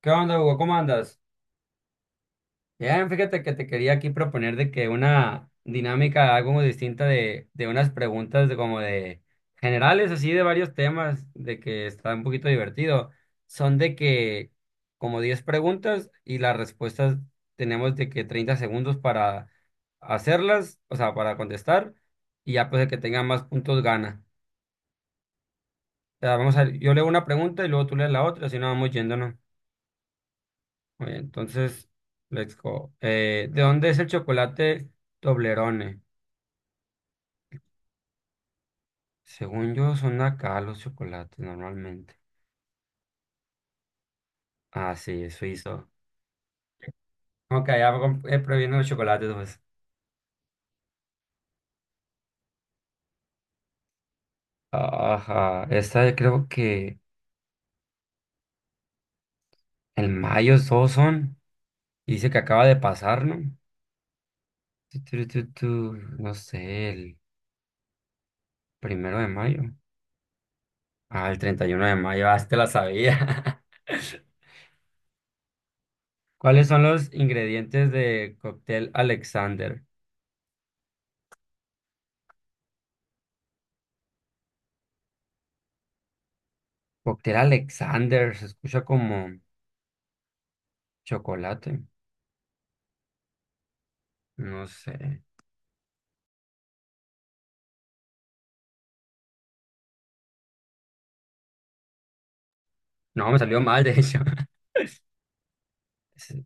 ¿Qué onda, Hugo? ¿Cómo andas? Bien, fíjate que te quería aquí proponer de que una dinámica algo distinta de unas preguntas de como de generales, así de varios temas, de que está un poquito divertido. Son de que como 10 preguntas y las respuestas tenemos de que 30 segundos para hacerlas, o sea, para contestar, y ya pues el que tenga más puntos gana. O sea, vamos a, yo leo una pregunta y luego tú lees la otra, así no vamos yéndonos. Muy bien, entonces, let's go. ¿De dónde es el chocolate Toblerone? Según yo, son de acá los chocolates normalmente. Ah, sí, es suizo. Ok, prohibiendo los chocolates, pues. Ajá, esta creo que el mayo todos son. Y dice que acaba de pasar, ¿no? Tu, tu, tu, tu, No sé, el 1 de mayo. Ah, el 31 de mayo, ah, sí te la sabía. ¿Cuáles son los ingredientes de cóctel Alexander? Cóctel Alexander, se escucha como chocolate. No sé. No, me salió mal, de hecho. Sí,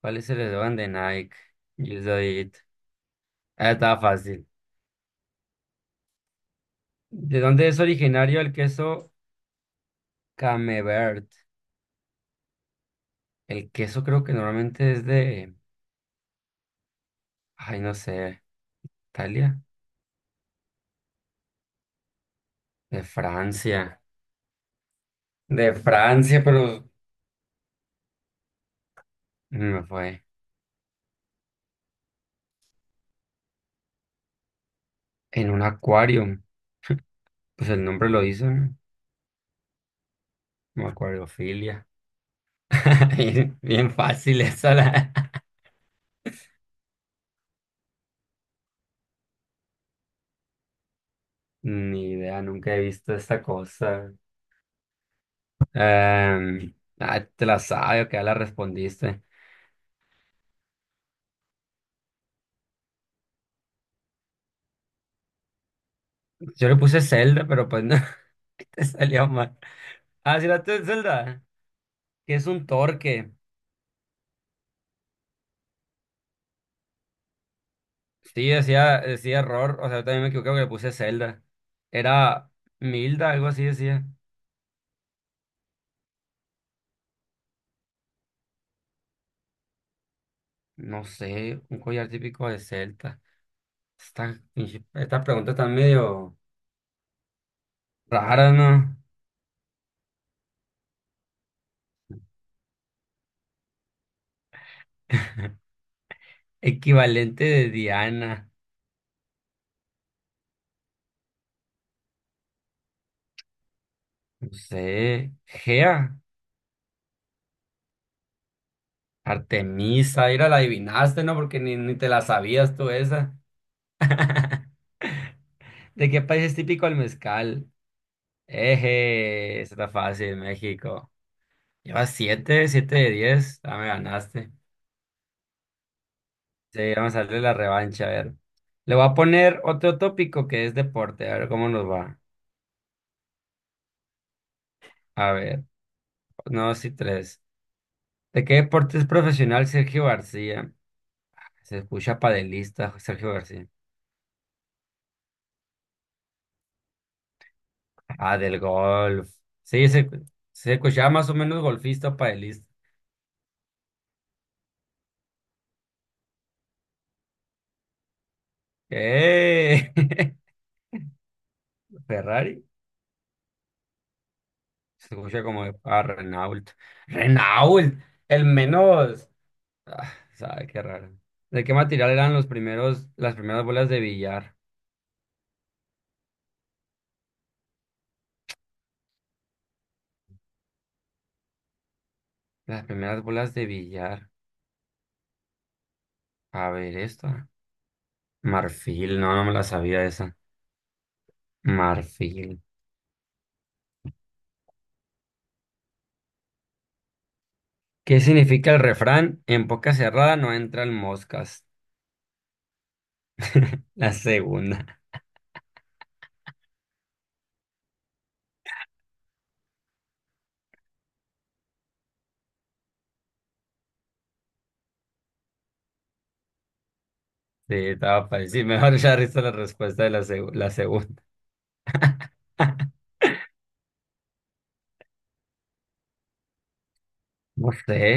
¿cuál es el eslogan de Nike? You do it. Ah, estaba fácil. ¿De dónde es originario el queso Camembert? El queso creo que normalmente es de, ay, no sé, Italia, de Francia, de Francia, pero me fue en un acuario. Pues el nombre lo hizo, ¿no? Como acuariofilia. Bien, bien fácil esa la. Ni idea, nunca he visto esta cosa. Te la sabes, que ya la respondiste. Yo le puse Zelda, pero pues no, te salió mal. Ah, sí, la tuya es Zelda, que es un torque. Sí, decía, decía error, o sea, yo también me equivoqué porque le puse Zelda. Era Milda, algo así decía. No sé, un collar típico de Celta. Esta, Estas preguntas están medio raras, ¿no? Equivalente de Diana. No sé, Gea. Artemisa, ¿era la adivinaste, ¿no? Porque ni te la sabías tú esa. ¿De qué país es típico el mezcal? Eje, esa está fácil, México. Llevas 7, 7 de 10. Ah, me ganaste. Sí, vamos a darle la revancha, a ver. Le voy a poner otro tópico que es deporte, a ver cómo nos va. A ver, no, sí, tres. ¿De qué deporte es profesional Sergio García? Se escucha padelista, Sergio García. Ah, del golf. Sí, se escuchaba más o menos golfista, paelista. ¡Eh! Ferrari. Se escucha como de- ah, Renault. Renault, el menos. Ah, sabe qué raro. ¿De qué material eran los primeros, las primeras bolas de billar? Las primeras bolas de billar. A ver, esta. Marfil, no, no me la sabía esa. Marfil. ¿Qué significa el refrán? En boca cerrada no entran moscas. La segunda. Sí, estaba fácil. Sí, mejor ya diste la respuesta de la, la segunda. No sé.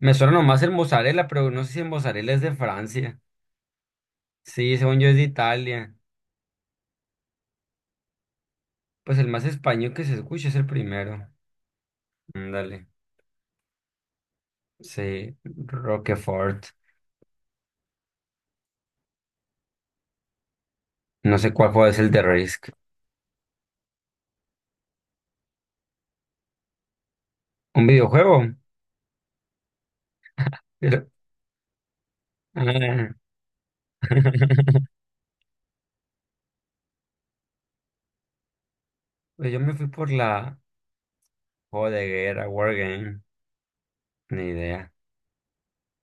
Me suena nomás el mozzarella, pero no sé si el mozzarella es de Francia. Sí, según yo es de Italia. Pues el más español que se escucha es el primero. Dale. Sí, Roquefort. No sé cuál juego es el de Risk. ¿Un videojuego? Pero- ah. Pues yo me fui por la juego de guerra, Wargame. Ni idea.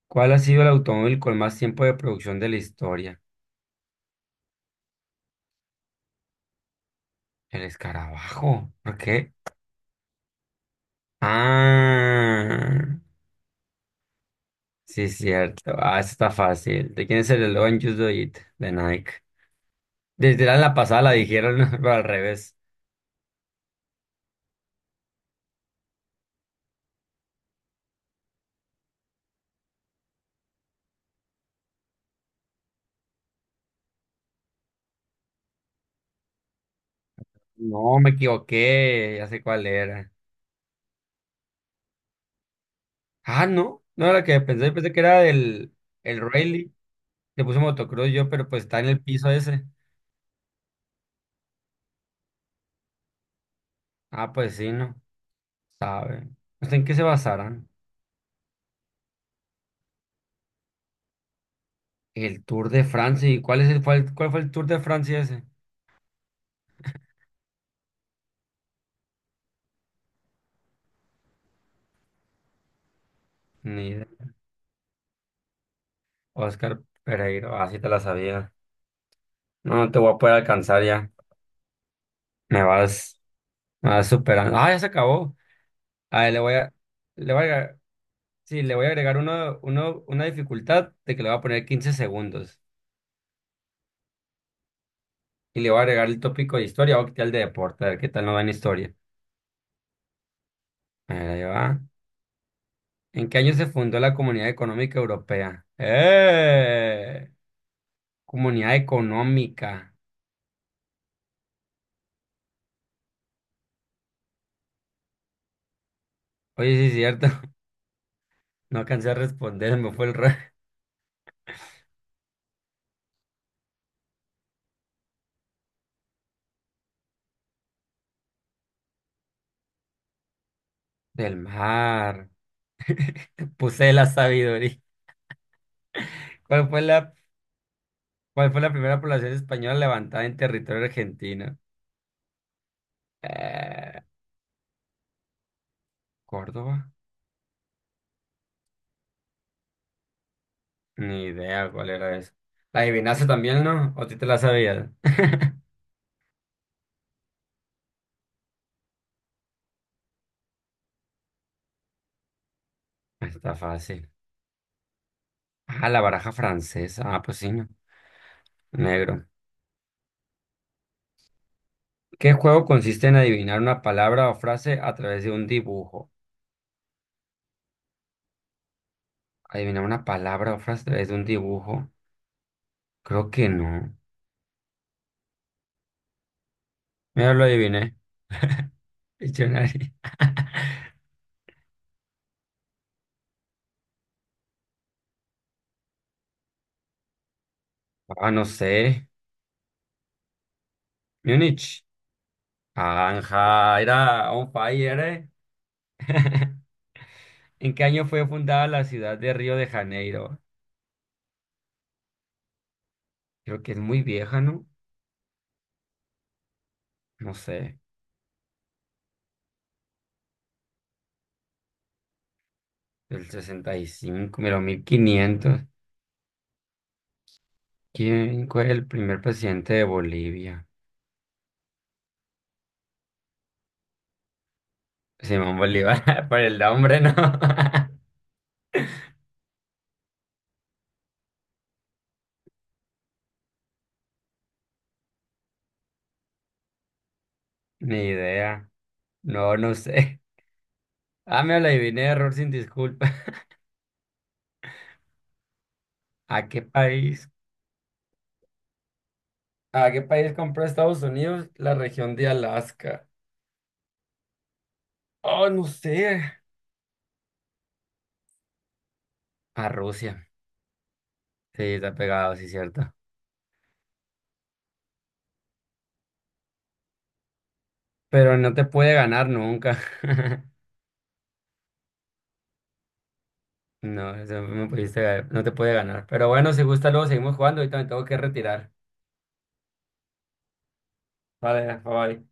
¿Cuál ha sido el automóvil con más tiempo de producción de la historia? El escarabajo. ¿Por qué? Ah, sí, cierto. Ah, esta está fácil. ¿De quién es el eslogan Just Do It? De Nike. Desde la pasada la dijeron, pero al revés. No, me equivoqué. Ya sé cuál era. Ah, no. No era la que pensé. Pensé que era del el Rally. Le puse motocross yo, pero pues está en el piso ese. Ah, pues sí, no. Sabe. No sé en qué se basarán. El Tour de Francia. ¿Y cuál es el, cuál, cuál fue el Tour de Francia ese? Ni idea. Oscar Pereiro, así te la sabía. No, no te voy a poder alcanzar ya. Me vas, me vas superando. Ah, ya se acabó. A ver, le voy a, sí, le voy a agregar una dificultad de que le voy a poner 15 segundos. Y le voy a agregar el tópico de historia o quitar el de deporte, a ver qué tal nos va en historia. A ver, ahí va. ¿En qué año se fundó la Comunidad Económica Europea? ¡Eh! Comunidad Económica. Oye, sí es cierto. No alcancé a responder, me fue el rey del mar. Puse la sabiduría. ¿Cuál fue la, ¿Cuál fue la primera población española levantada en territorio argentino? Eh, ¿Córdoba? Ni idea cuál era eso. ¿La adivinaste también, no? ¿O tú te la sabías? Está fácil. Ah, la baraja francesa. Ah, pues sí, no. Negro. ¿Qué juego consiste en adivinar una palabra o frase a través de un dibujo? ¿Adivinar una palabra o frase a través de un dibujo? Creo que no. Mira, lo adiviné. Diccionario. Ah, no sé. Múnich. Anja, era on fire, ¿eh? ¿En qué año fue fundada la ciudad de Río de Janeiro? Creo que es muy vieja, ¿no? No sé, del 65, mira, 1500. ¿Quién fue el primer presidente de Bolivia? Simón Bolívar, por el nombre, ¿no? Ni idea. No, no sé. Ah, me la adiviné, error sin disculpa. ¿A qué país? ¿A qué país compró Estados Unidos la región de Alaska? Oh, no sé. A Rusia. Sí, está pegado, sí, cierto. Pero no te puede ganar nunca. No, eso no me pudiste, no te puede ganar. Pero bueno, si gusta, luego seguimos jugando. Ahorita me tengo que retirar. Vale, bye.